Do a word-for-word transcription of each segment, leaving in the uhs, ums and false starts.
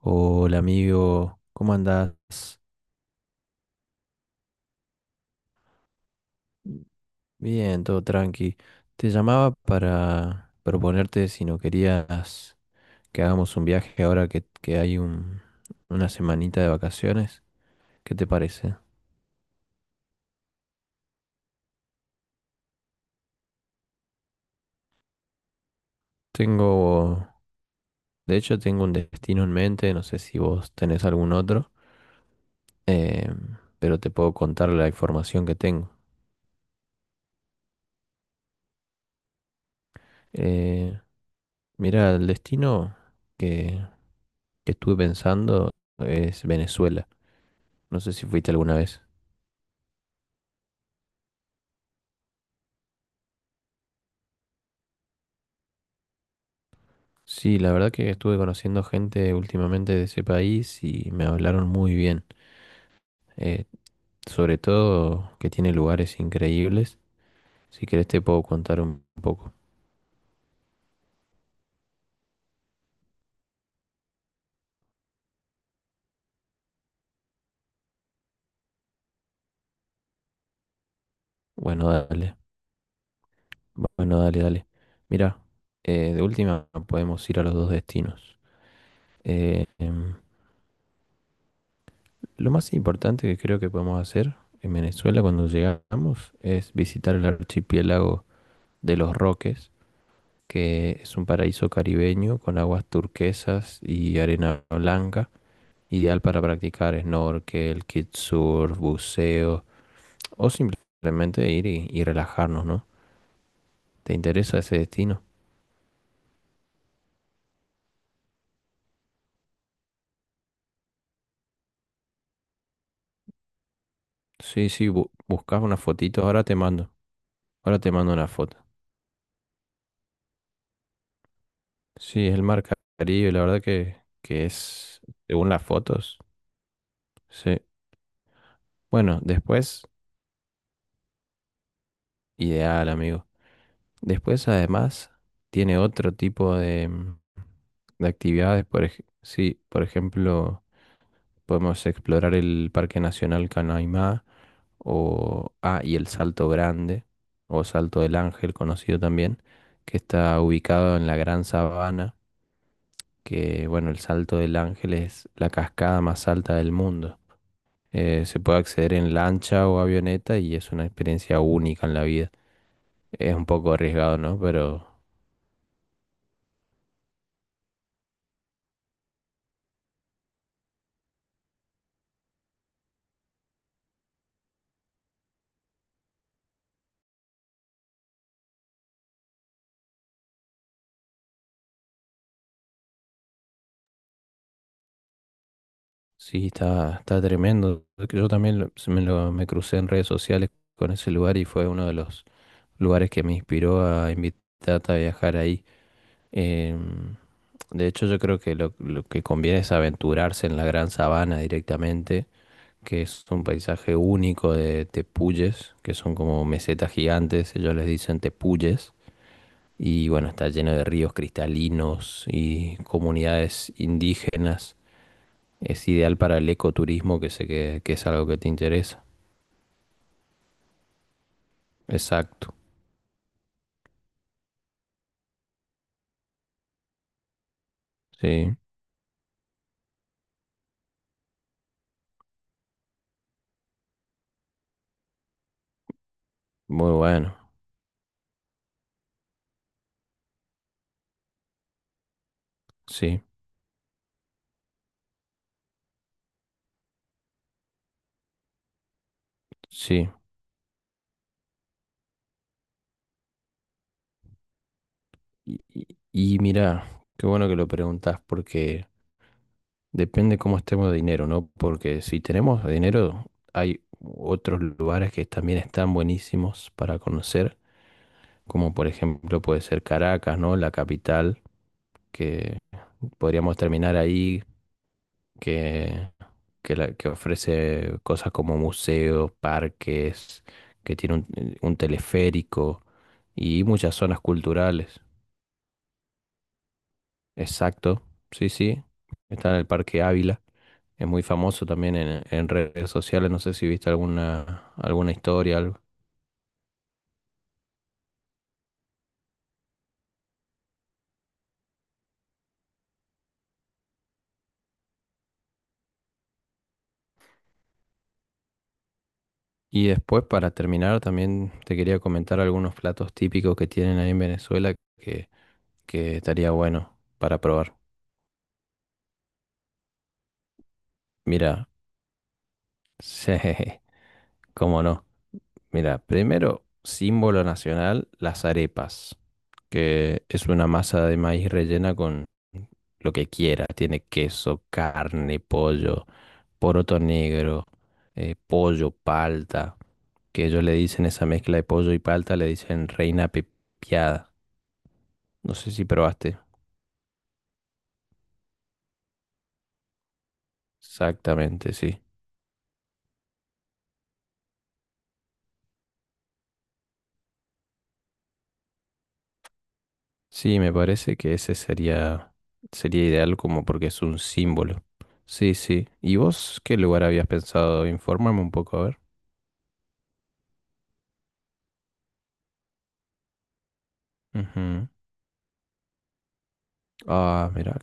Hola amigo, ¿cómo andás? Bien, todo tranqui. Te llamaba para proponerte si no querías que hagamos un viaje ahora que, que hay un- una semanita de vacaciones. ¿Qué te parece? Tengo, de hecho tengo un destino en mente, no sé si vos tenés algún otro, eh, pero te puedo contar la información que tengo. Eh, mira, el destino que, que estuve pensando es Venezuela. No sé si fuiste alguna vez. Sí, la verdad que estuve conociendo gente últimamente de ese país y me hablaron muy bien. Eh, sobre todo que tiene lugares increíbles. Si querés te puedo contar un poco. Bueno, dale. Bueno, dale, dale. Mira, eh, de última podemos ir a los dos destinos. Eh, em, lo más importante que creo que podemos hacer en Venezuela cuando llegamos es visitar el archipiélago de los Roques, que es un paraíso caribeño con aguas turquesas y arena blanca, ideal para practicar snorkel, kitesurf, buceo o simplemente ir y, y relajarnos, ¿no? ¿Te interesa ese destino? Sí, sí, bu- buscas una fotito, ahora te mando, ahora te mando una foto. Sí, es el mar Caribe, la verdad que, que es, según las fotos, sí. Bueno, después, ideal, amigo. Después, además, tiene otro tipo de, mm, de actividades. Por, ej- sí, por ejemplo, podemos explorar el Parque Nacional Canaima o ah, y el Salto Grande o Salto del Ángel, conocido también, que está ubicado en la Gran Sabana, que bueno, el Salto del Ángel es la cascada más alta del mundo. Eh, se puede acceder en lancha o avioneta y es una experiencia única en la vida. Es un poco arriesgado, ¿no? Pero sí, está, está tremendo. Yo también lo- se me, lo, me crucé en redes sociales con ese lugar y fue uno de los lugares que me inspiró a invitarte a viajar ahí. Em, de hecho, yo creo que lo, lo que conviene es aventurarse en la Gran Sabana directamente, que es un paisaje único de tepuyes, que son como mesetas gigantes, ellos les dicen tepuyes. Y bueno, está lleno de ríos cristalinos y comunidades indígenas, es ideal para el ecoturismo, que sé que, que es algo que te interesa. Exacto. Sí, muy bueno. Sí, sí. Y, y, y mira, qué bueno que lo preguntas porque depende cómo estemos de dinero, ¿no? Porque si tenemos dinero, hay otros lugares que también están buenísimos para conocer, como por ejemplo puede ser Caracas, ¿no? La capital, que podríamos terminar ahí que, que, la- que ofrece cosas como museos, parques, que tiene un, eh, un teleférico y muchas zonas culturales. Exacto, sí, sí. Está en el Parque Ávila. Es muy famoso también en, en redes sociales. No sé si viste alguna, alguna historia, algo. Y después, para terminar, también te quería comentar algunos platos típicos que tienen ahí en Venezuela que, que estaría bueno para probar. Mira, sí, cómo no. Mira, primero, símbolo nacional, las arepas, que es una masa de maíz rellena con lo que quiera. Tiene queso, carne, pollo, poroto negro, eh, pollo, palta, que ellos le dicen esa mezcla de pollo y palta, le dicen reina pepiada. No sé si probaste. Exactamente, sí. Sí, me parece que ese sería, sería ideal como porque es un símbolo. Sí, sí. ¿Y vos qué lugar habías pensado? Informarme un poco, a ver. Ujú. Ah, mira.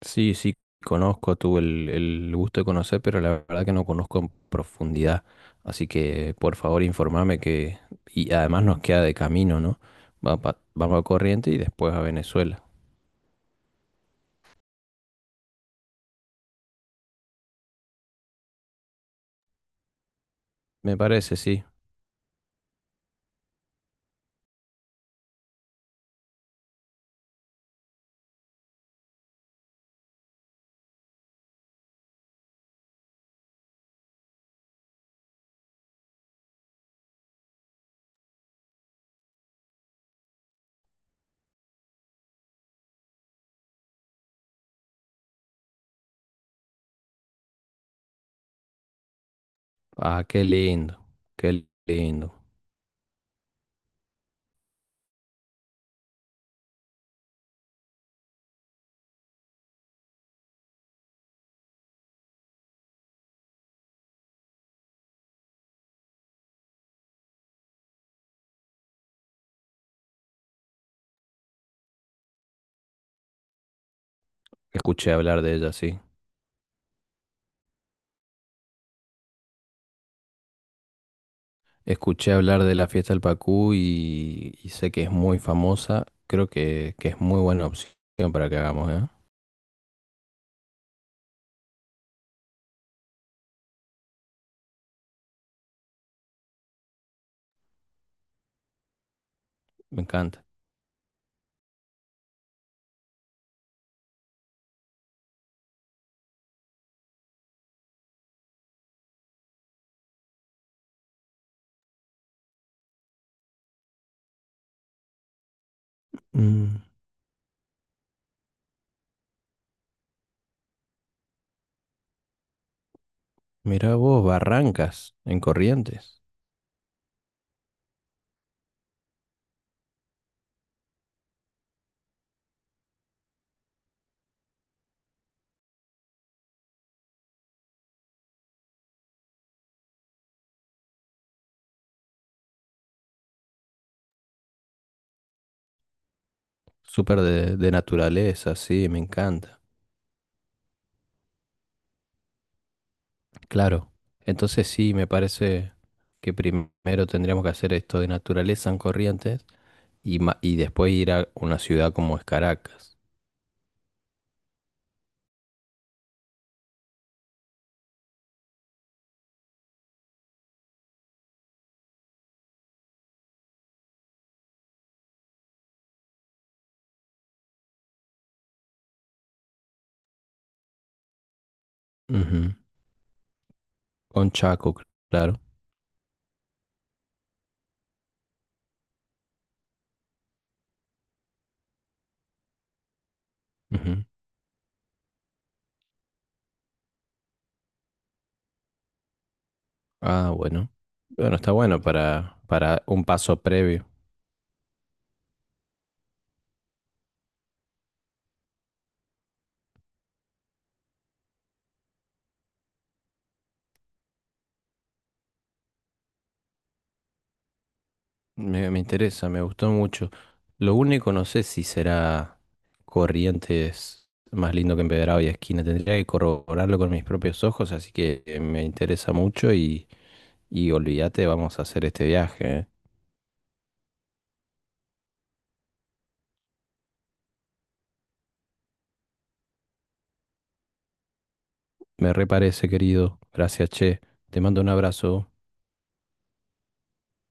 Sí, sí, conozco, tuve el, el gusto de conocer, pero la verdad que no conozco en profundidad. Así que por favor informame que... Y además nos queda de camino, ¿no? Va pa- vamos a Corriente y después a Venezuela. Me parece, sí. Ah, qué lindo, qué lindo. Escuché hablar de ella, sí. Escuché hablar de la fiesta del Pacú y, y sé que es muy famosa. Creo que, que es muy buena opción para que hagamos, ¿eh? Me encanta. Mm, mirá vos, Barrancas, en Corrientes. Súper de, de naturaleza, sí, me encanta. Claro. Entonces sí, me parece que primero tendríamos que hacer esto de naturaleza en Corrientes y, ma- y después ir a una ciudad como es Caracas. Ujú. Con Chaco, cl- claro. Ujú. Ah, bueno. Bueno, está bueno para, para un paso previo. Me, me interesa, me gustó mucho. Lo único, no sé si será Corrientes más lindo que Empedrado y Esquina. Tendría que corroborarlo con mis propios ojos, así que eh, me interesa mucho y, y olvídate, vamos a hacer este viaje, ¿eh? Me reparece, querido. Gracias, che. Te mando un abrazo.